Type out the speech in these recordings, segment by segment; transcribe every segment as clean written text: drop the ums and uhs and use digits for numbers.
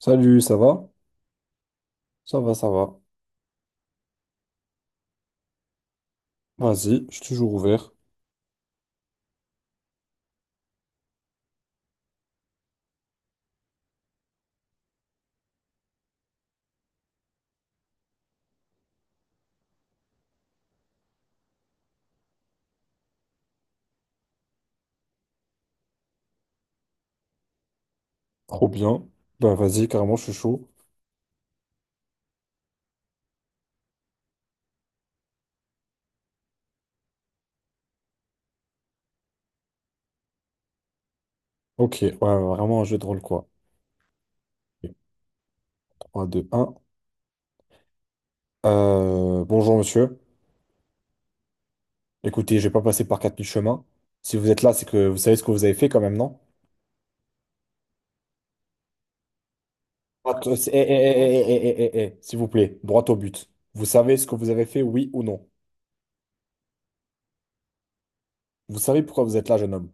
Salut, ça va? Ça va, ça va. Vas-y, je suis toujours ouvert. Trop bien. Ben vas-y, carrément, je suis chaud. Ok, ouais, vraiment un jeu de rôle, quoi. Ok, trois, deux, un. Bonjour, monsieur. Écoutez, je vais pas passer par 4000 chemins. Si vous êtes là, c'est que vous savez ce que vous avez fait quand même, non? S'il vous plaît, droit au but. Vous savez ce que vous avez fait, oui ou non? Vous savez pourquoi vous êtes là, jeune homme?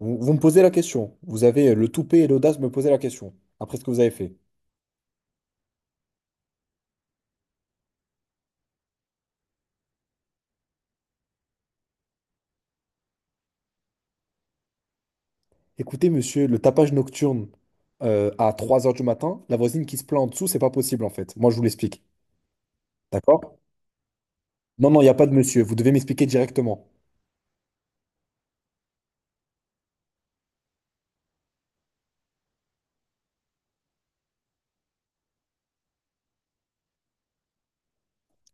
Vous me posez la question. Vous avez le toupet et l'audace de me poser la question. Après ce que vous avez fait. Écoutez, monsieur, le tapage nocturne à 3 heures du matin, la voisine qui se plaint en dessous, c'est pas possible en fait. Moi, je vous l'explique. D'accord? Non, non, il n'y a pas de monsieur. Vous devez m'expliquer directement.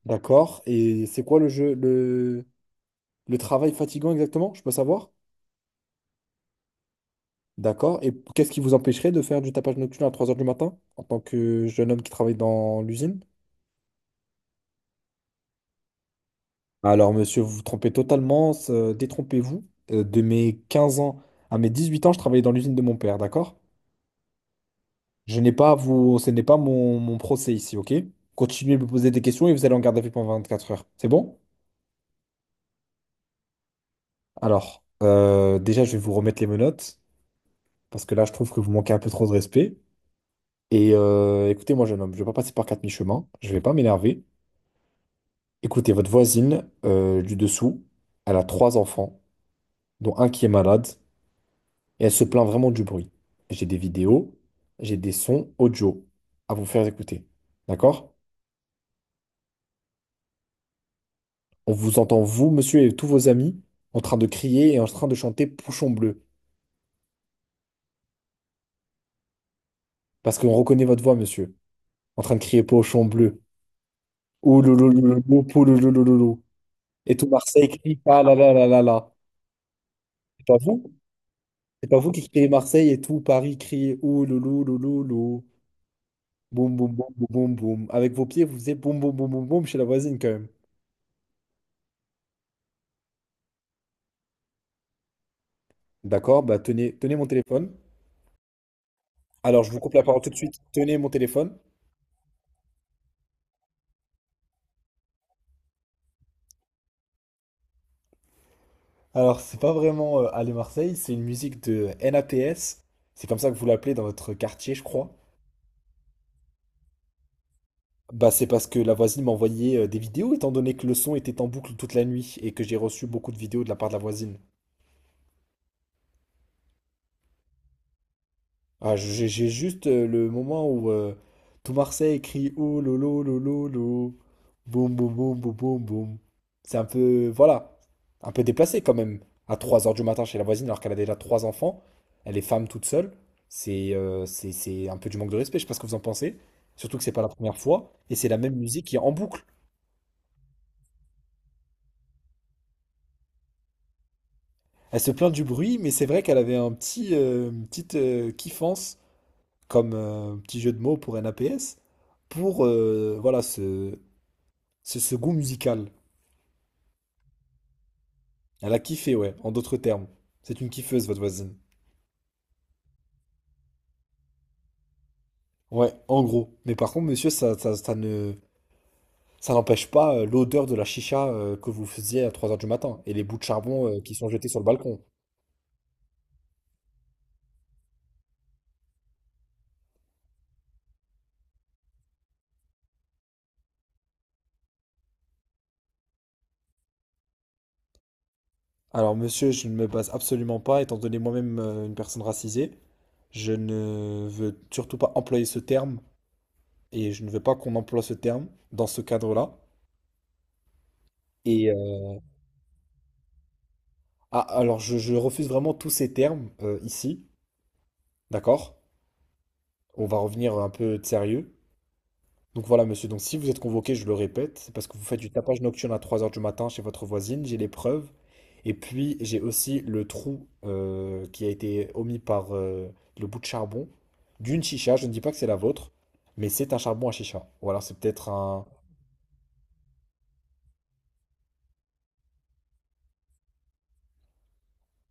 D'accord? Et c'est quoi le travail fatigant exactement? Je peux savoir? D'accord? Et qu'est-ce qui vous empêcherait de faire du tapage nocturne à 3 heures du matin en tant que jeune homme qui travaille dans l'usine? Alors, monsieur, vous vous trompez totalement. Détrompez-vous. De mes 15 ans à mes 18 ans, je travaillais dans l'usine de mon père. D'accord? Je n'ai pas à vous, Ce n'est pas mon procès ici, ok? Continuez de me poser des questions et vous allez en garde à vue pendant 24 heures. C'est bon? Alors, déjà, je vais vous remettre les menottes parce que là, je trouve que vous manquez un peu trop de respect. Et écoutez-moi, jeune homme, je ne vais pas passer par quatre mi-chemins. Je ne vais pas m'énerver. Écoutez, votre voisine du dessous, elle a trois enfants, dont un qui est malade, et elle se plaint vraiment du bruit. J'ai des vidéos, j'ai des sons audio à vous faire écouter. D'accord? On vous entend, vous, monsieur, et tous vos amis, en train de crier et en train de chanter Pochon bleu. Parce qu'on reconnaît votre voix, monsieur. En train de crier Pochon bleu. Ouloulouloulou, pouloulouloulou. Et tout Marseille crie ah là là là là là. C'est pas vous? C'est pas vous qui criez Marseille et tout Paris crie Ouloulouloulou. Boum boum boum boum boum boum. Avec vos pieds, vous faisiez boum boum boum boum boum chez la voisine quand même. D'accord, bah tenez, tenez mon téléphone. Alors je vous coupe la parole tout de suite. Tenez mon téléphone. Alors, c'est pas vraiment Aller Marseille, c'est une musique de NAPS. C'est comme ça que vous l'appelez dans votre quartier, je crois. Bah, c'est parce que la voisine m'a envoyé des vidéos, étant donné que le son était en boucle toute la nuit et que j'ai reçu beaucoup de vidéos de la part de la voisine. Ah, j'ai juste le moment où tout Marseille crie oh lolo lolo lolo. Boum boum boum boum boum boum. C'est un peu, voilà, un peu déplacé quand même. À trois heures du matin chez la voisine alors qu'elle a déjà trois enfants. Elle est femme toute seule. C'est un peu du manque de respect, je sais pas ce que vous en pensez. Surtout que c'est pas la première fois. Et c'est la même musique qui est en boucle. Elle se plaint du bruit, mais c'est vrai qu'elle avait une petite kiffance, comme petit jeu de mots pour un APS, pour voilà, se, c'est ce goût musical. Elle a kiffé, ouais, en d'autres termes. C'est une kiffeuse, votre voisine. Ouais, en gros. Mais par contre, monsieur, ça n'empêche pas l'odeur de la chicha que vous faisiez à 3 heures du matin et les bouts de charbon qui sont jetés sur le balcon. Alors, monsieur, je ne me base absolument pas, étant donné moi-même une personne racisée, je ne veux surtout pas employer ce terme et je ne veux pas qu'on emploie ce terme dans ce cadre-là. Et euh, ah, alors, je refuse vraiment tous ces termes ici, d'accord? On va revenir un peu sérieux. Donc voilà, monsieur, donc si vous êtes convoqué, je le répète, c'est parce que vous faites du tapage nocturne à trois heures du matin chez votre voisine, j'ai les preuves. Et puis j'ai aussi le trou qui a été omis par le bout de charbon d'une chicha. Je ne dis pas que c'est la vôtre, mais c'est un charbon à chicha. Voilà, c'est peut-être un...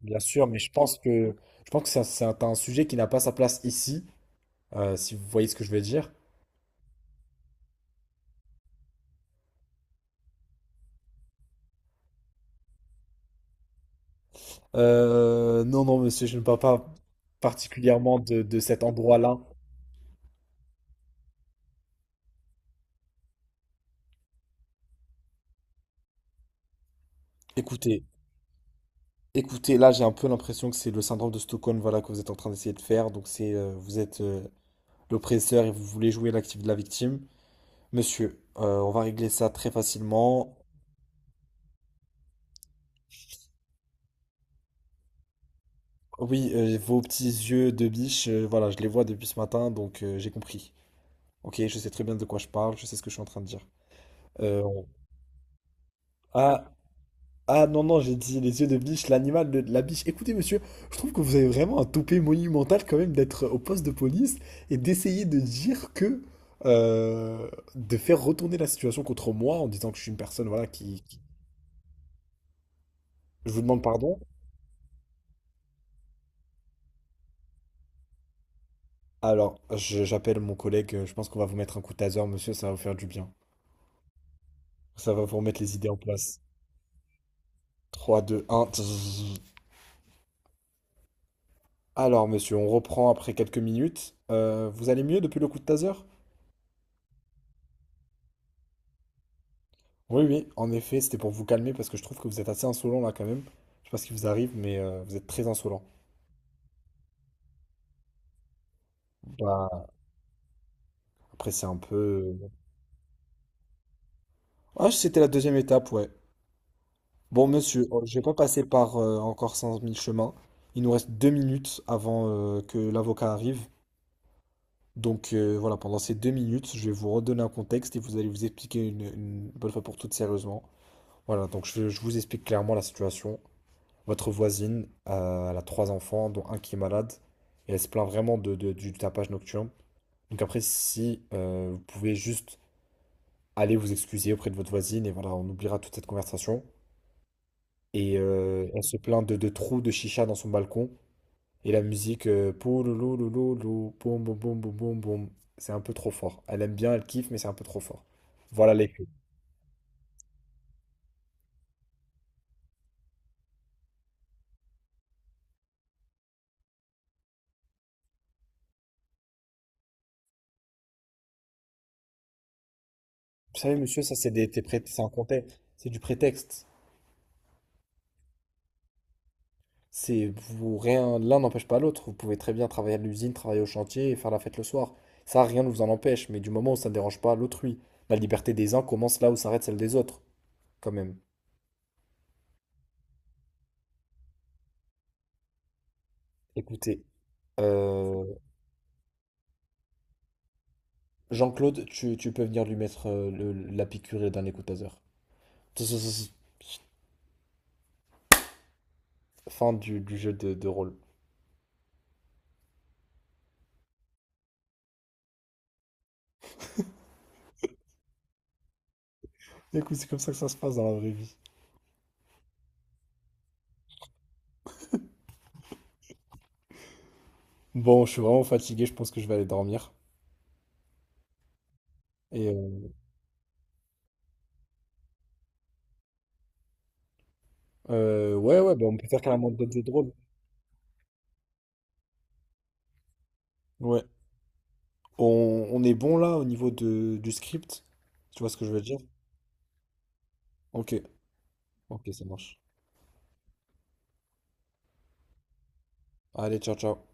Bien sûr, mais je pense que c'est un sujet qui n'a pas sa place ici, si vous voyez ce que je veux dire. Non, non, monsieur, je ne parle pas particulièrement de cet endroit-là. Écoutez, écoutez, là, j'ai un peu l'impression que c'est le syndrome de Stockholm, voilà, que vous êtes en train d'essayer de faire. Donc, c'est, vous êtes l'oppresseur et vous voulez jouer l'actif de la victime. Monsieur, on va régler ça très facilement. Oui, vos petits yeux de biche, voilà, je les vois depuis ce matin, donc j'ai compris. Ok, je sais très bien de quoi je parle, je sais ce que je suis en train de dire. Euh, on- Ah, ah non, non, j'ai dit les yeux de biche, l'animal de la biche. Écoutez, monsieur, je trouve que vous avez vraiment un toupet monumental quand même d'être au poste de police et d'essayer de dire que... euh, de faire retourner la situation contre moi en disant que je suis une personne, voilà, qui- Je vous demande pardon. Alors, j'appelle mon collègue, je pense qu'on va vous mettre un coup de taser, monsieur, ça va vous faire du bien. Ça va vous remettre les idées en place. Trois, deux, un. Alors, monsieur, on reprend après quelques minutes. Vous allez mieux depuis le coup de taser? Oui, oui, en effet, c'était pour vous calmer parce que je trouve que vous êtes assez insolent là quand même. Je sais pas ce qui vous arrive, mais vous êtes très insolent. Bah, après, c'est un peu. Ah, c'était la deuxième étape, ouais. Bon, monsieur, oh, je vais pas passer par encore 100 mille chemins. Il nous reste 2 minutes avant que l'avocat arrive. Donc voilà, pendant ces 2 minutes, je vais vous redonner un contexte et vous allez vous expliquer une bonne fois pour toutes sérieusement. Voilà, donc je vous explique clairement la situation. Votre voisine, elle a trois enfants, dont un qui est malade, et elle se plaint vraiment du tapage nocturne. Donc après, si vous pouvez juste aller vous excuser auprès de votre voisine, et voilà, on oubliera toute cette conversation. Et elle se plaint de trous de chicha dans son balcon, et la musique, pouloulou, louloulou, boum, boum, boum, boum, boum, boum. C'est un peu trop fort. Elle aime bien, elle kiffe, mais c'est un peu trop fort. Voilà les clés. Vous savez, monsieur, ça c'est c'est un contexte, c'est du prétexte. C'est vous rien, l'un n'empêche pas l'autre. Vous pouvez très bien travailler à l'usine, travailler au chantier et faire la fête le soir. Ça, rien ne vous en empêche, mais du moment où ça ne dérange pas l'autrui, la liberté des uns commence là où s'arrête celle des autres, quand même. Écoutez, euh, Jean-Claude, tu peux venir lui mettre la piqûre et le coup taser. Fin du jeu de rôle. Écoute, c'est comme ça que ça se passe dans la vraie vie. Bon, je suis vraiment fatigué, je pense que je vais aller dormir. Et euh, ouais, ouais, bah, on peut faire carrément d'autres jeux de rôle. Ouais. On est bon là au niveau du script? Tu vois ce que je veux dire? Ok, ok, ça marche. Allez, ciao, ciao.